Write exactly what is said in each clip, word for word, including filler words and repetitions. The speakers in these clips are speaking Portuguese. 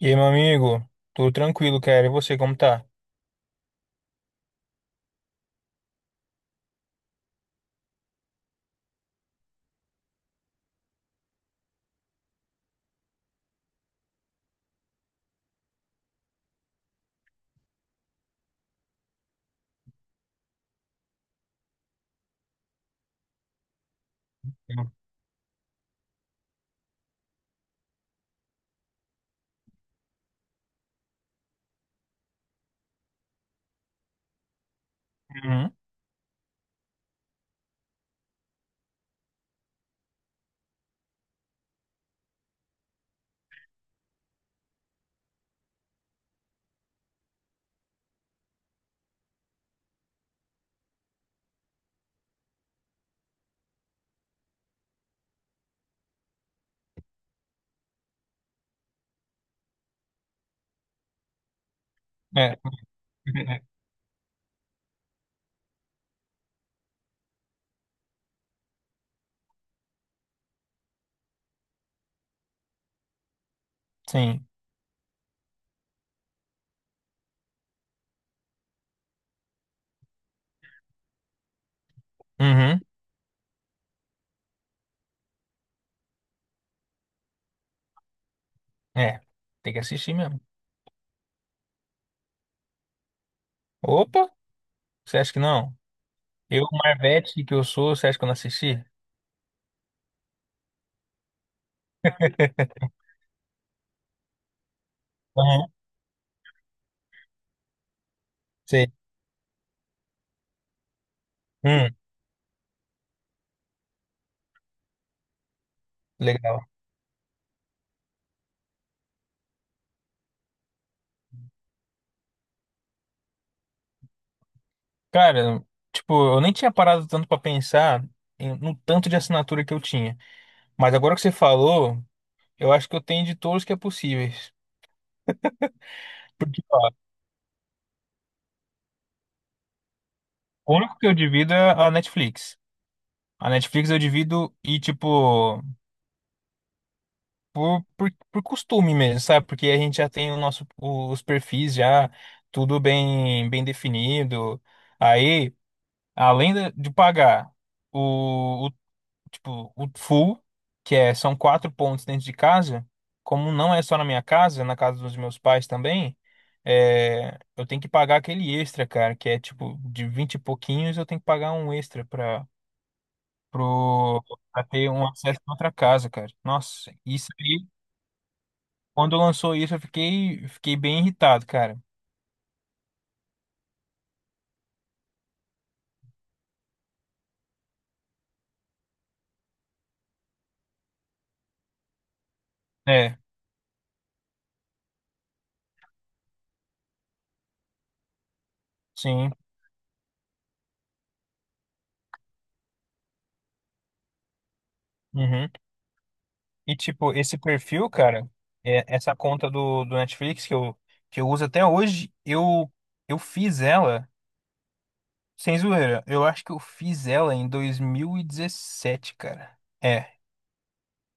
E aí, meu amigo? Tudo tranquilo, cara. E você, como tá? Uhum. É. Sim. Uhum. É. Tem que assistir mesmo. Opa! Você acha que não? Eu, Marvete, que eu sou, você acha que eu não assisti? Aham, sei. Hum, legal. Cara, tipo, eu nem tinha parado tanto pra pensar em- no tanto de assinatura que eu tinha. Mas agora que você falou, eu acho que eu tenho de todos que é possíveis. Porque, ó, o único que eu divido é a Netflix. A Netflix eu divido e, tipo, por, por, por costume mesmo, sabe? Porque a gente já tem o nosso, os perfis já tudo bem, bem definido. Aí. Além de de pagar o, o- tipo o full, que é são quatro pontos dentro de casa, como não é só na minha casa, na casa dos meus pais também, é, eu tenho que pagar aquele extra, cara, que é tipo de vinte e pouquinhos, eu tenho que pagar um extra para pro pra ter um acesso a outra casa, cara. Nossa, isso aí, quando lançou isso, eu fiquei fiquei bem irritado, cara. É, sim. Uhum. E, tipo, esse perfil, cara, é- essa conta do, do Netflix que eu, que eu uso até hoje, eu, eu fiz ela, sem zoeira, eu acho que eu fiz ela em dois mil e dezessete, cara. É,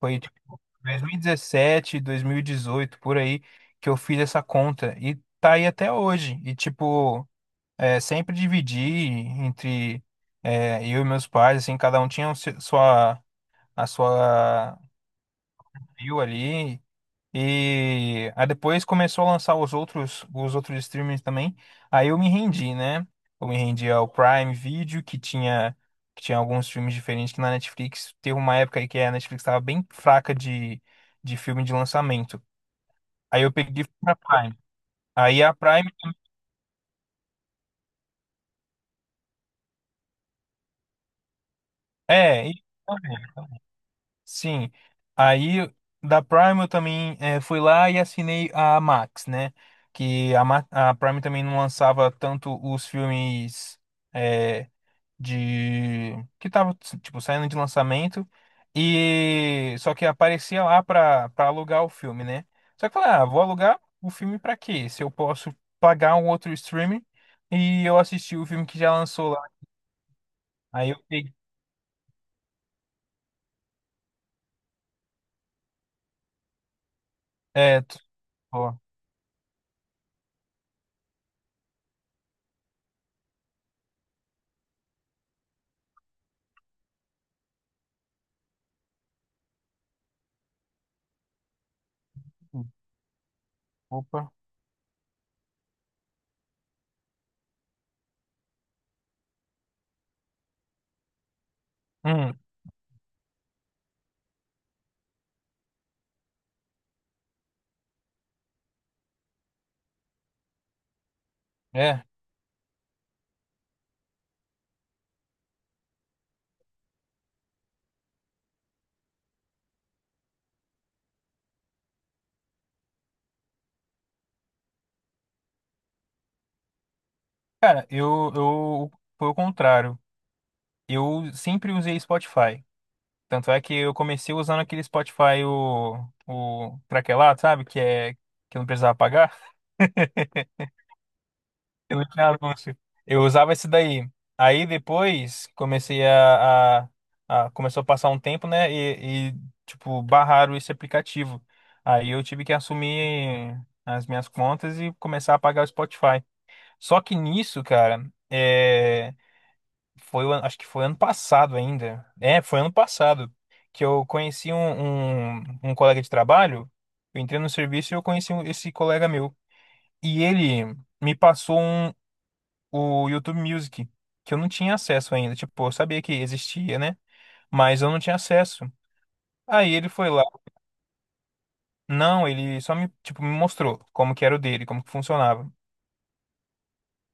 foi tipo dois mil e dezessete, dois mil e dezoito por aí, que eu fiz essa conta. E tá aí até hoje. E, tipo, é, sempre dividi entre é, eu e meus pais, assim, cada um tinha o seu- sua, a sua view ali. E aí depois começou a lançar os outros, os outros streamings também. Aí eu me rendi, né? Eu me rendi ao Prime Video, que tinha, que tinha alguns filmes diferentes que na Netflix. Teve uma época aí que a Netflix estava bem fraca de, de filme de lançamento. Aí eu peguei e fui pra Prime. Aí a Prime. É, e- sim. Aí da Prime eu também eh, fui lá e assinei a Max, né? Que a, Ma- a Prime também não lançava tanto os filmes. É, de que tava tipo saindo de lançamento e só que aparecia lá pra para alugar o filme, né? Só que eu falei, ah, vou alugar o filme pra quê? Se eu posso pagar um outro streaming e eu assisti o filme que já lançou lá. Aí eu peguei, é, t- ó, opa. Hum, é. Cara, eu eu foi o contrário. Eu sempre usei Spotify. Tanto é que eu comecei usando aquele Spotify o, o craquelado, sabe? Que é que eu não precisava pagar. Eu não tinha anúncio. Eu usava esse daí. Aí depois comecei a, a- a- começou a passar um tempo, né? E, e, tipo, barraram esse aplicativo. Aí eu tive que assumir as minhas contas e começar a pagar o Spotify. Só que nisso, cara, é, foi, o ano- acho que foi ano passado ainda. É, foi ano passado que eu conheci um, um, um colega de trabalho. Eu entrei no serviço e eu conheci um- esse colega meu. E ele me passou um, o YouTube Music, que eu não tinha acesso ainda. Tipo, eu sabia que existia, né? Mas eu não tinha acesso. Aí ele foi lá. Não, ele só me, tipo, me mostrou como que era o dele, como que funcionava.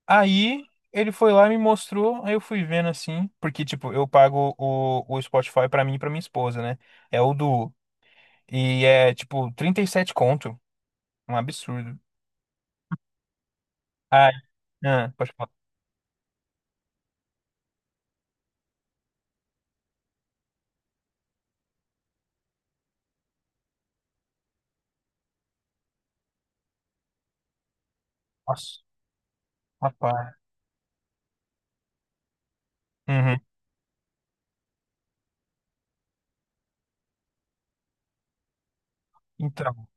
Aí ele foi lá e me mostrou, aí eu fui vendo assim, porque, tipo, eu pago o, o Spotify pra mim e pra minha esposa, né? É o Duo. E é, tipo, trinta e sete conto. Um absurdo. Ah, ah, pode falar. Nossa, rapaz. Uhum. Então.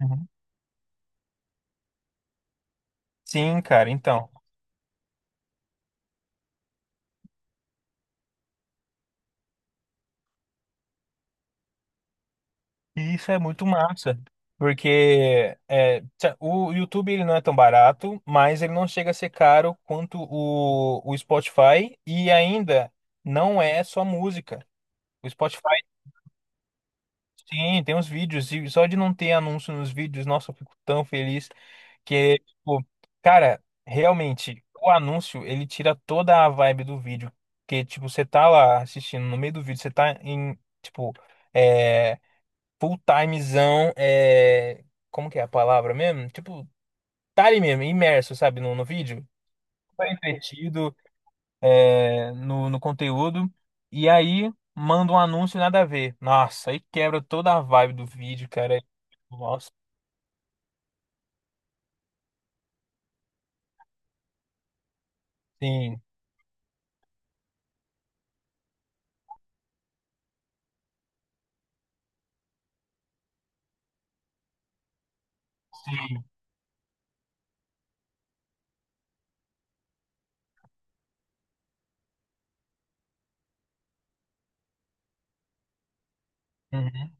Uhum. Sim, cara, então. E isso é muito massa, porque é, tsa- o YouTube ele não é tão barato, mas ele não chega a ser caro quanto o, o Spotify e ainda não é só música. O Spotify, sim, tem os vídeos e só de não ter anúncio nos vídeos, nossa, eu fico tão feliz que, tipo, cara, realmente, o anúncio ele tira toda a vibe do vídeo, porque, tipo, você tá lá assistindo, no meio do vídeo você tá em, tipo, é, full timezão, é... como que é a palavra mesmo? Tipo, tá ali mesmo, imerso, sabe, no, no vídeo, super entretido é, no, no conteúdo, e aí manda um anúncio nada a ver. Nossa, aí quebra toda a vibe do vídeo, cara. Nossa, sim, sim. Uhum,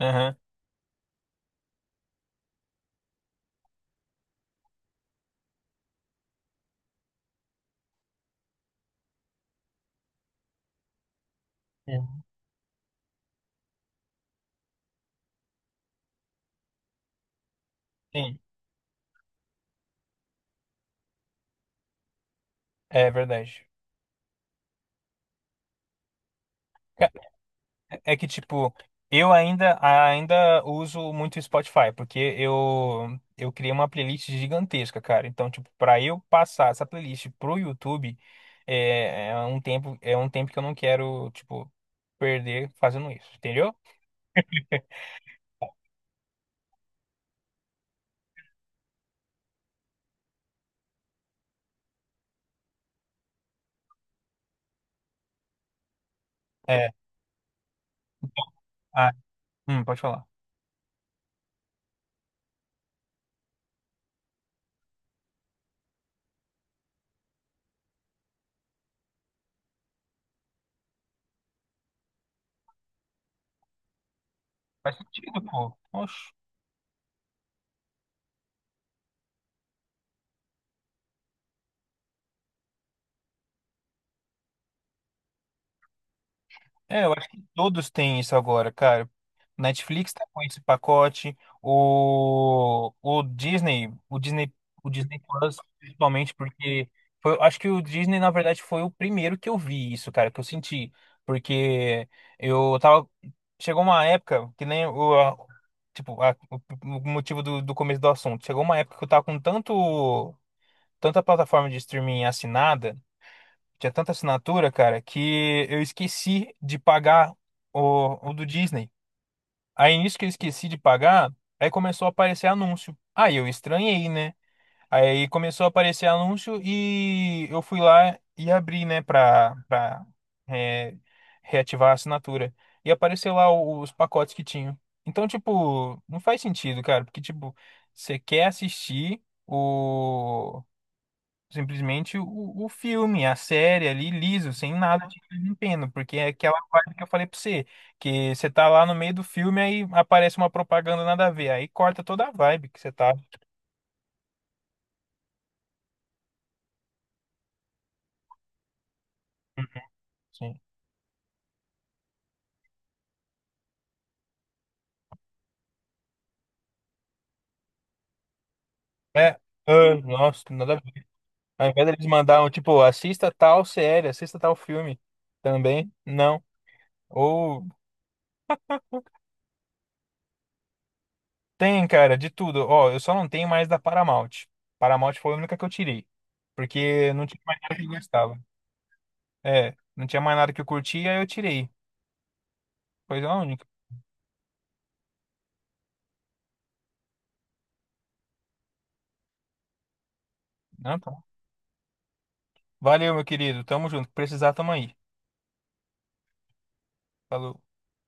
aham, sim, sim, é verdade. É que, tipo, eu ainda, ainda uso muito o Spotify, porque eu, eu criei uma playlist gigantesca, cara. Então, tipo, pra eu passar essa playlist pro YouTube, é, é um tempo, é um tempo que eu não quero, tipo, perder fazendo isso, entendeu? É. Ah, hum, pode falar. Faz sentido, pô. Oxe. É, eu acho que todos têm isso agora, cara. Netflix tá com esse pacote, o, o Disney, o Disney, o Disney Plus, principalmente porque foi, acho que o Disney, na verdade, foi o primeiro que eu vi isso, cara, que eu senti, porque eu tava, chegou uma época que nem o, a- tipo, a- o o motivo do, do começo do assunto, chegou uma época que eu tava com tanto, tanta plataforma de streaming assinada tinha tanta assinatura, cara, que eu esqueci de pagar o, o do Disney. Aí nisso que eu esqueci de pagar, aí começou a aparecer anúncio. Aí eu estranhei, né? Aí começou a aparecer anúncio e eu fui lá e abri, né, pra, pra é, reativar a assinatura. E apareceu lá o- os pacotes que tinham. Então, tipo, não faz sentido, cara, porque, tipo, você quer assistir simplesmente o, o filme, a série ali, liso, sem nada de empeno, porque é aquela vibe que eu falei pra você, que você tá lá no meio do filme, aí aparece uma propaganda nada a ver, aí corta toda a vibe que você tá. Sim. É, ah, nossa, nada a ver. Ao invés deles mandar, um, tipo, assista tal série, assista tal filme também, não. Ou tem, cara, de tudo. Ó, eu só não tenho mais da Paramount. Paramount foi a única que eu tirei, porque não tinha mais nada que eu gostava. É, não tinha mais nada que eu curtia, aí eu tirei. Coisa única. Ah, tá. Valeu, meu querido. Tamo junto. Precisar, tamo aí. Falou.